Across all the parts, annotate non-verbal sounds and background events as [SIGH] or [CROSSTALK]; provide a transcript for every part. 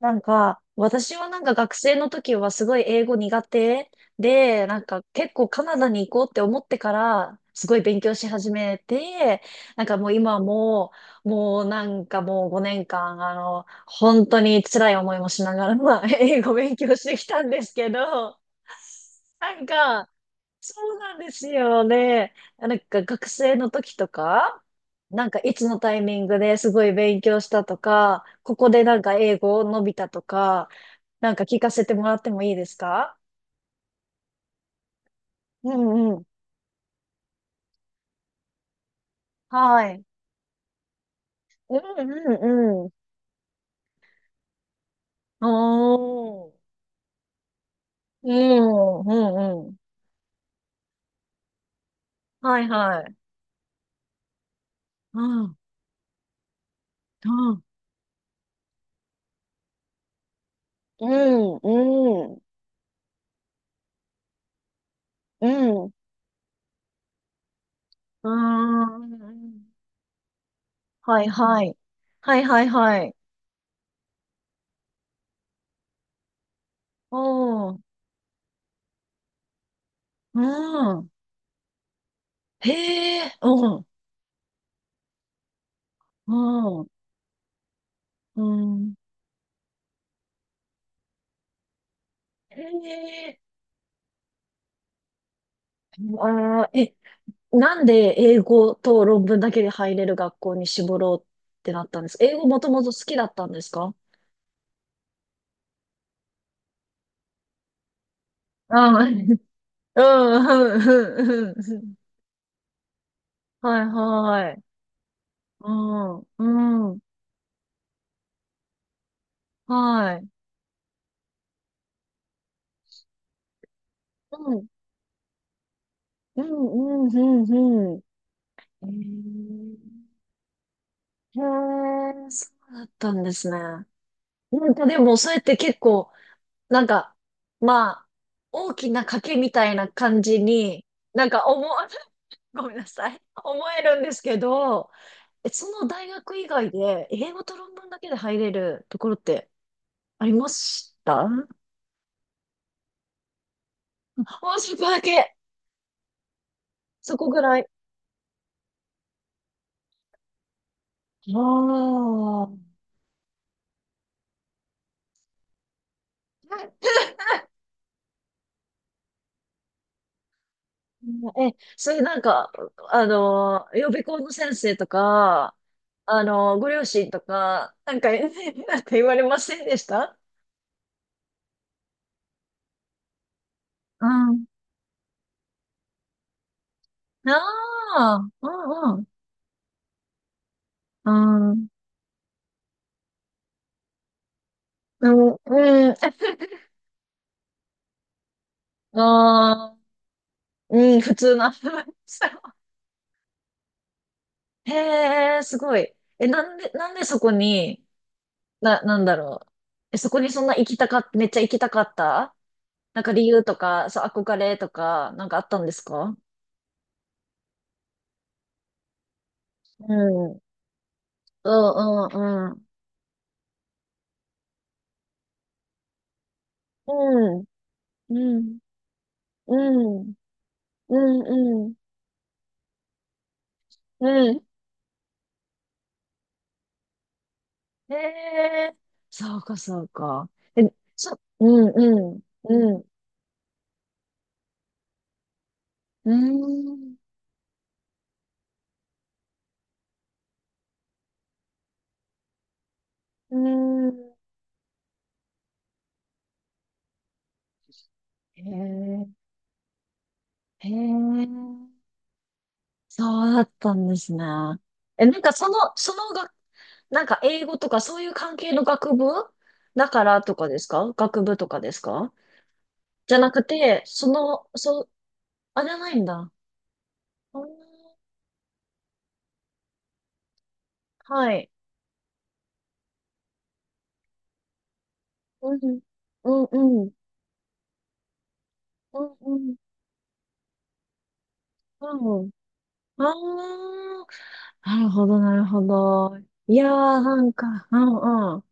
私は学生の時はすごい英語苦手で、なんか結構カナダに行こうって思ってから、すごい勉強し始めて、もう今も、もうもう5年間、本当に辛い思いもしながら、まあ、英語勉強してきたんですけど、なんか、そうなんですよね。なんか学生の時とか、なんかいつのタイミングですごい勉強したとか、ここでなんか英語を伸びたとか、なんか聞かせてもらってもいいですか？うんうん。はい。うんうんうん。おー。うんうんうん。はいはい。うんうんうんうんうん。うん。はいはい。はいはいはい。おー。うん。へえ、うん、うん、うん。へえ、あー、え、なんで英語と論文だけで入れる学校に絞ろうってなったんですか？英語もともと好きだったんですか？ああ、うん、うん、うん、うん。はい、はい。うん、うん、はい。うん、うん、うん、うん、うん。へえ、へえ、そうだったんですね。なんかでも、そうやって結構、なんか、まあ、大きな賭けみたいな感じに、なんか思わ、[LAUGHS] ごめんなさい。思えるんですけど、え、その大学以外で、英語と論文だけで入れるところってありましたも、そこだけ。そこぐらい。ああ。え、それなんか、予備校の先生とか、ご両親とか、なんか、[LAUGHS] なんか言われませんでした？うん、ああ、うんうん。うん。でも、うん。[LAUGHS] ああ、うん、普通のアルバイトさん。へえ、すごい。え、なんで、なんでそこに、なんだろう。え、そこにそんな行きたかっめっちゃ行きたかったなんか理由とか、そう、憧れとか、なんかあったんですか？うん。うん、うん、うん。うん、うん、うん、うん、うん、うん、へえ、そうか、そうか。え、うん、うん、うん、うん、うん。へえ、へえ、そうだったんですね。え、なんかその、そのが、なんか英語とかそういう関係の学部だからとかですか？学部とかですか？じゃなくて、その、そう、あ、じゃないんだ。あ、はい。うん、うん、うん、うん、うん、うん。ああ、なるほど、なるほど。いやー、なんか、うんう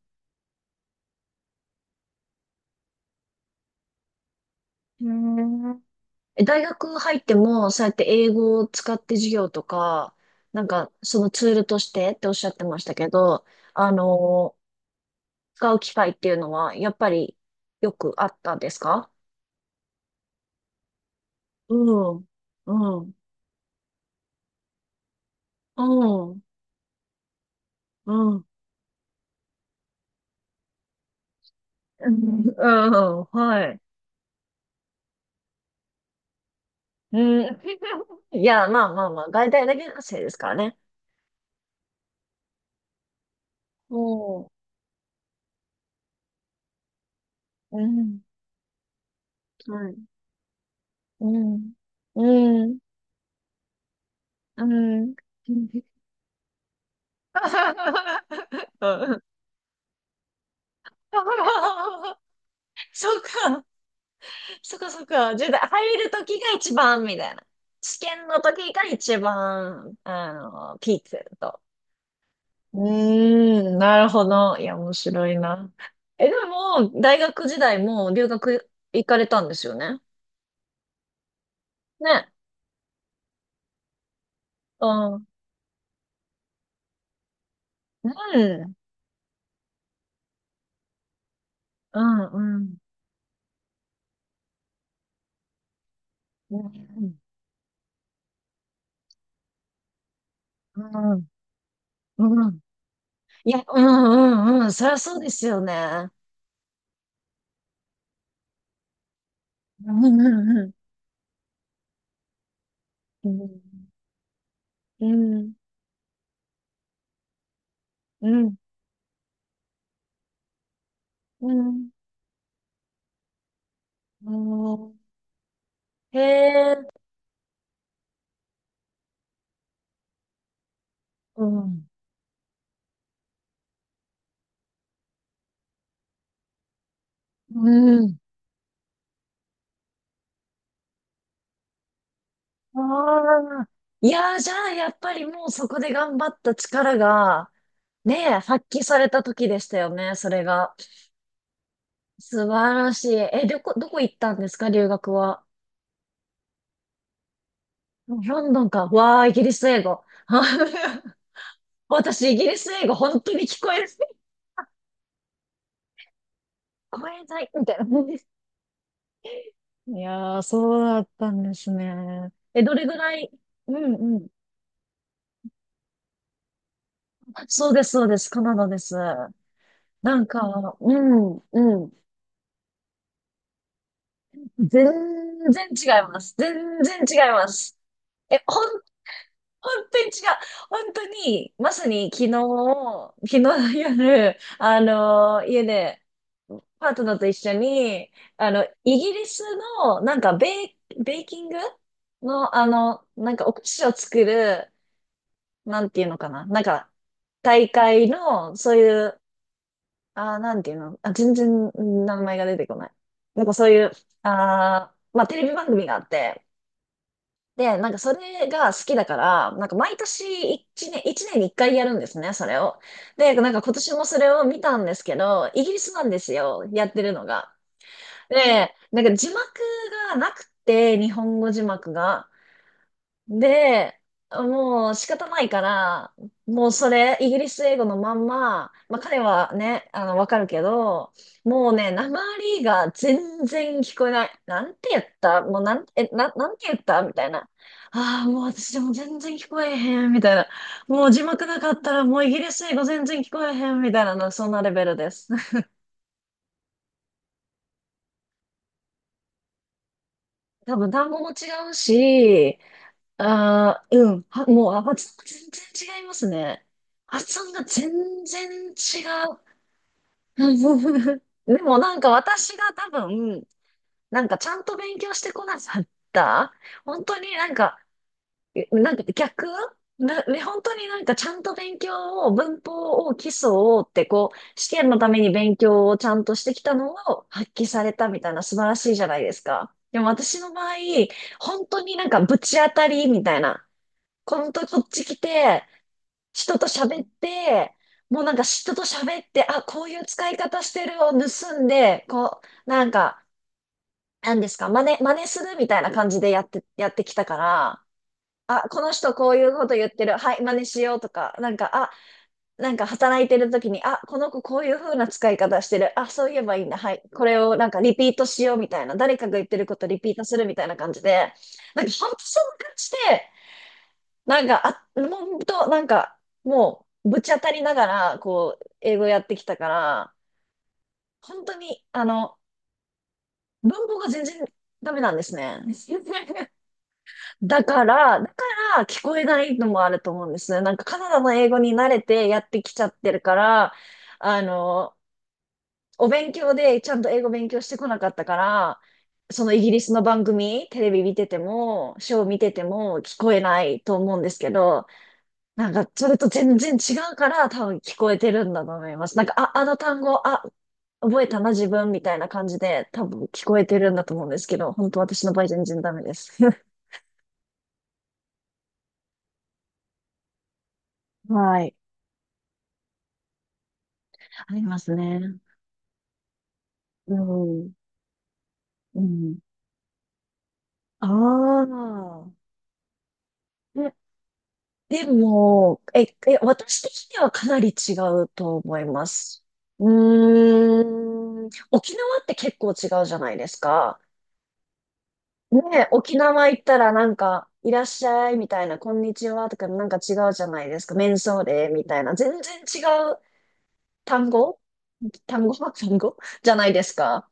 ん。へー、え、大学入っても、そうやって英語を使って授業とか、なんか、そのツールとしてっておっしゃってましたけど、あのー使う機会っていうのは、やっぱりよくあったんですか？うん、うん、うん、うん、うん、うん、はい。うん。[LAUGHS] いや、まあまあまあ、外大だけのせいですからね。うん、うん、はい。うん。うん。うん。うん、そうか、そうか、そうか。じゃあ、入るときが一番、みたいな。試験のときが一番、ピークと。うーん、なるほど。いや、面白いな。え、でも、大学時代も留学行かれたんですよね。ね。うん。うん。うん、うん。うん。うん。うん。いや、うんうんうん。そりゃそうですよね。うんうんうん。うん。うん。うん。うん。へえ。うん。うん。ああ。いやー、じゃあ、やっぱりもうそこで頑張った力が、ねえ、発揮された時でしたよね、それが。素晴らしい。え、どこ、どこ行ったんですか、留学は？ロンドンか。わあ、イギリス英語。[LAUGHS] 私、イギリス英語、本当に聞こえる。聞こえない、みたいな。いやー、そうだったんですね。え、どれぐらいうんうん。そうです、そうです。カナダです。なんか、うん、うん。全然違います。全然違います。え、ほん、本当に違う。本当に、まさに昨日、昨日の夜、あの家で、パートナーと一緒に、イギリスの、なんかベーキングの、なんかお菓子を作る、なんていうのかな。なんか、大会の、そういう、あー、なんていうの。あ、全然名前が出てこない。なんかそういう、あー、まあ、テレビ番組があって、で、なんかそれが好きだから、なんか毎年一年、一年に一回やるんですね、それを。で、なんか今年もそれを見たんですけど、イギリスなんですよ、やってるのが。で、なんか字幕がなくて、日本語字幕が。で、もう仕方ないから、もうそれ、イギリス英語のまんま、まあ彼はね、わかるけど、もうね、訛りが全然聞こえない。なんて言ったもうなん、なんて言ったみたいな。ああ、もう私でも全然聞こえへん、みたいな。もう字幕なかったらもうイギリス英語全然聞こえへん、みたいなの、そんなレベルです。[LAUGHS] 多分単語も違うし、ああ、うん。もう、あ、発音が全然違いますね。発音が全然違う。[LAUGHS] でもなんか私が多分、なんかちゃんと勉強してこなかった。本当になんか、えなんか逆な、ね、本当になんかちゃんと勉強を、文法を、基礎をってこう、試験のために勉強をちゃんとしてきたのを発揮されたみたいな素晴らしいじゃないですか。でも私の場合、本当になんかぶち当たりみたいな。本当こっち来て、人と喋って、もうなんか人と喋って、あ、こういう使い方してるを盗んで、こう、なんか、なんですか、真似、真似するみたいな感じでやって、やってきたから、あ、この人こういうこと言ってる、はい、真似しようとか、なんか、あ、なんか働いてる時に、あ、この子こういう風な使い方してる、あ、そういえばいいんだ、はい、これをなんかリピートしようみたいな、誰かが言ってることリピートするみたいな感じで、なんか半端そんな感じで、なんか、あ、ほんと、なんか、もう、ぶち当たりながら、こう、英語やってきたから、本当に、文法が全然ダメなんですね。[LAUGHS] だから、だから聞こえないのもあると思うんですね。なんかカナダの英語に慣れてやってきちゃってるから、あの、お勉強でちゃんと英語勉強してこなかったから、そのイギリスの番組、テレビ見てても、ショー見てても聞こえないと思うんですけど、なんか、それと全然違うから、多分聞こえてるんだと思います。なんか、あ、あの単語、あ、覚えたな、自分、みたいな感じで、多分聞こえてるんだと思うんですけど、本当私の場合全然ダメです。[LAUGHS] はい。ありますね。うん。うん。ああ。えでも、私的にはかなり違うと思います。うーん。沖縄って結構違うじゃないですか。ねえ、沖縄行ったらなんか、いらっしゃいみたいな、こんにちはとかなんか違うじゃないですか。メンソーレみたいな。全然違う単語、単語 [LAUGHS] 単語じゃないですか。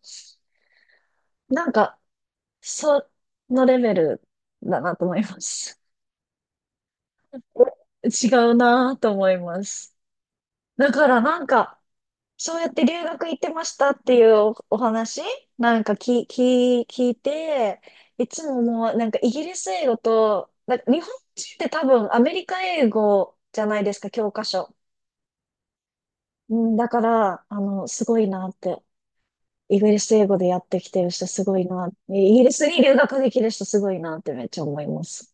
なんか、そのレベルだなと思います。え、違うなと思います。だからなんか、そうやって留学行ってましたっていうお話なんか聞いて、いつももうなんかイギリス英語と、だ日本人って多分アメリカ英語じゃないですか、教科書。うん、だから、あの、すごいなって。イギリス英語でやってきてる人すごいな。イギリスに留学できる人すごいなってめっちゃ思います。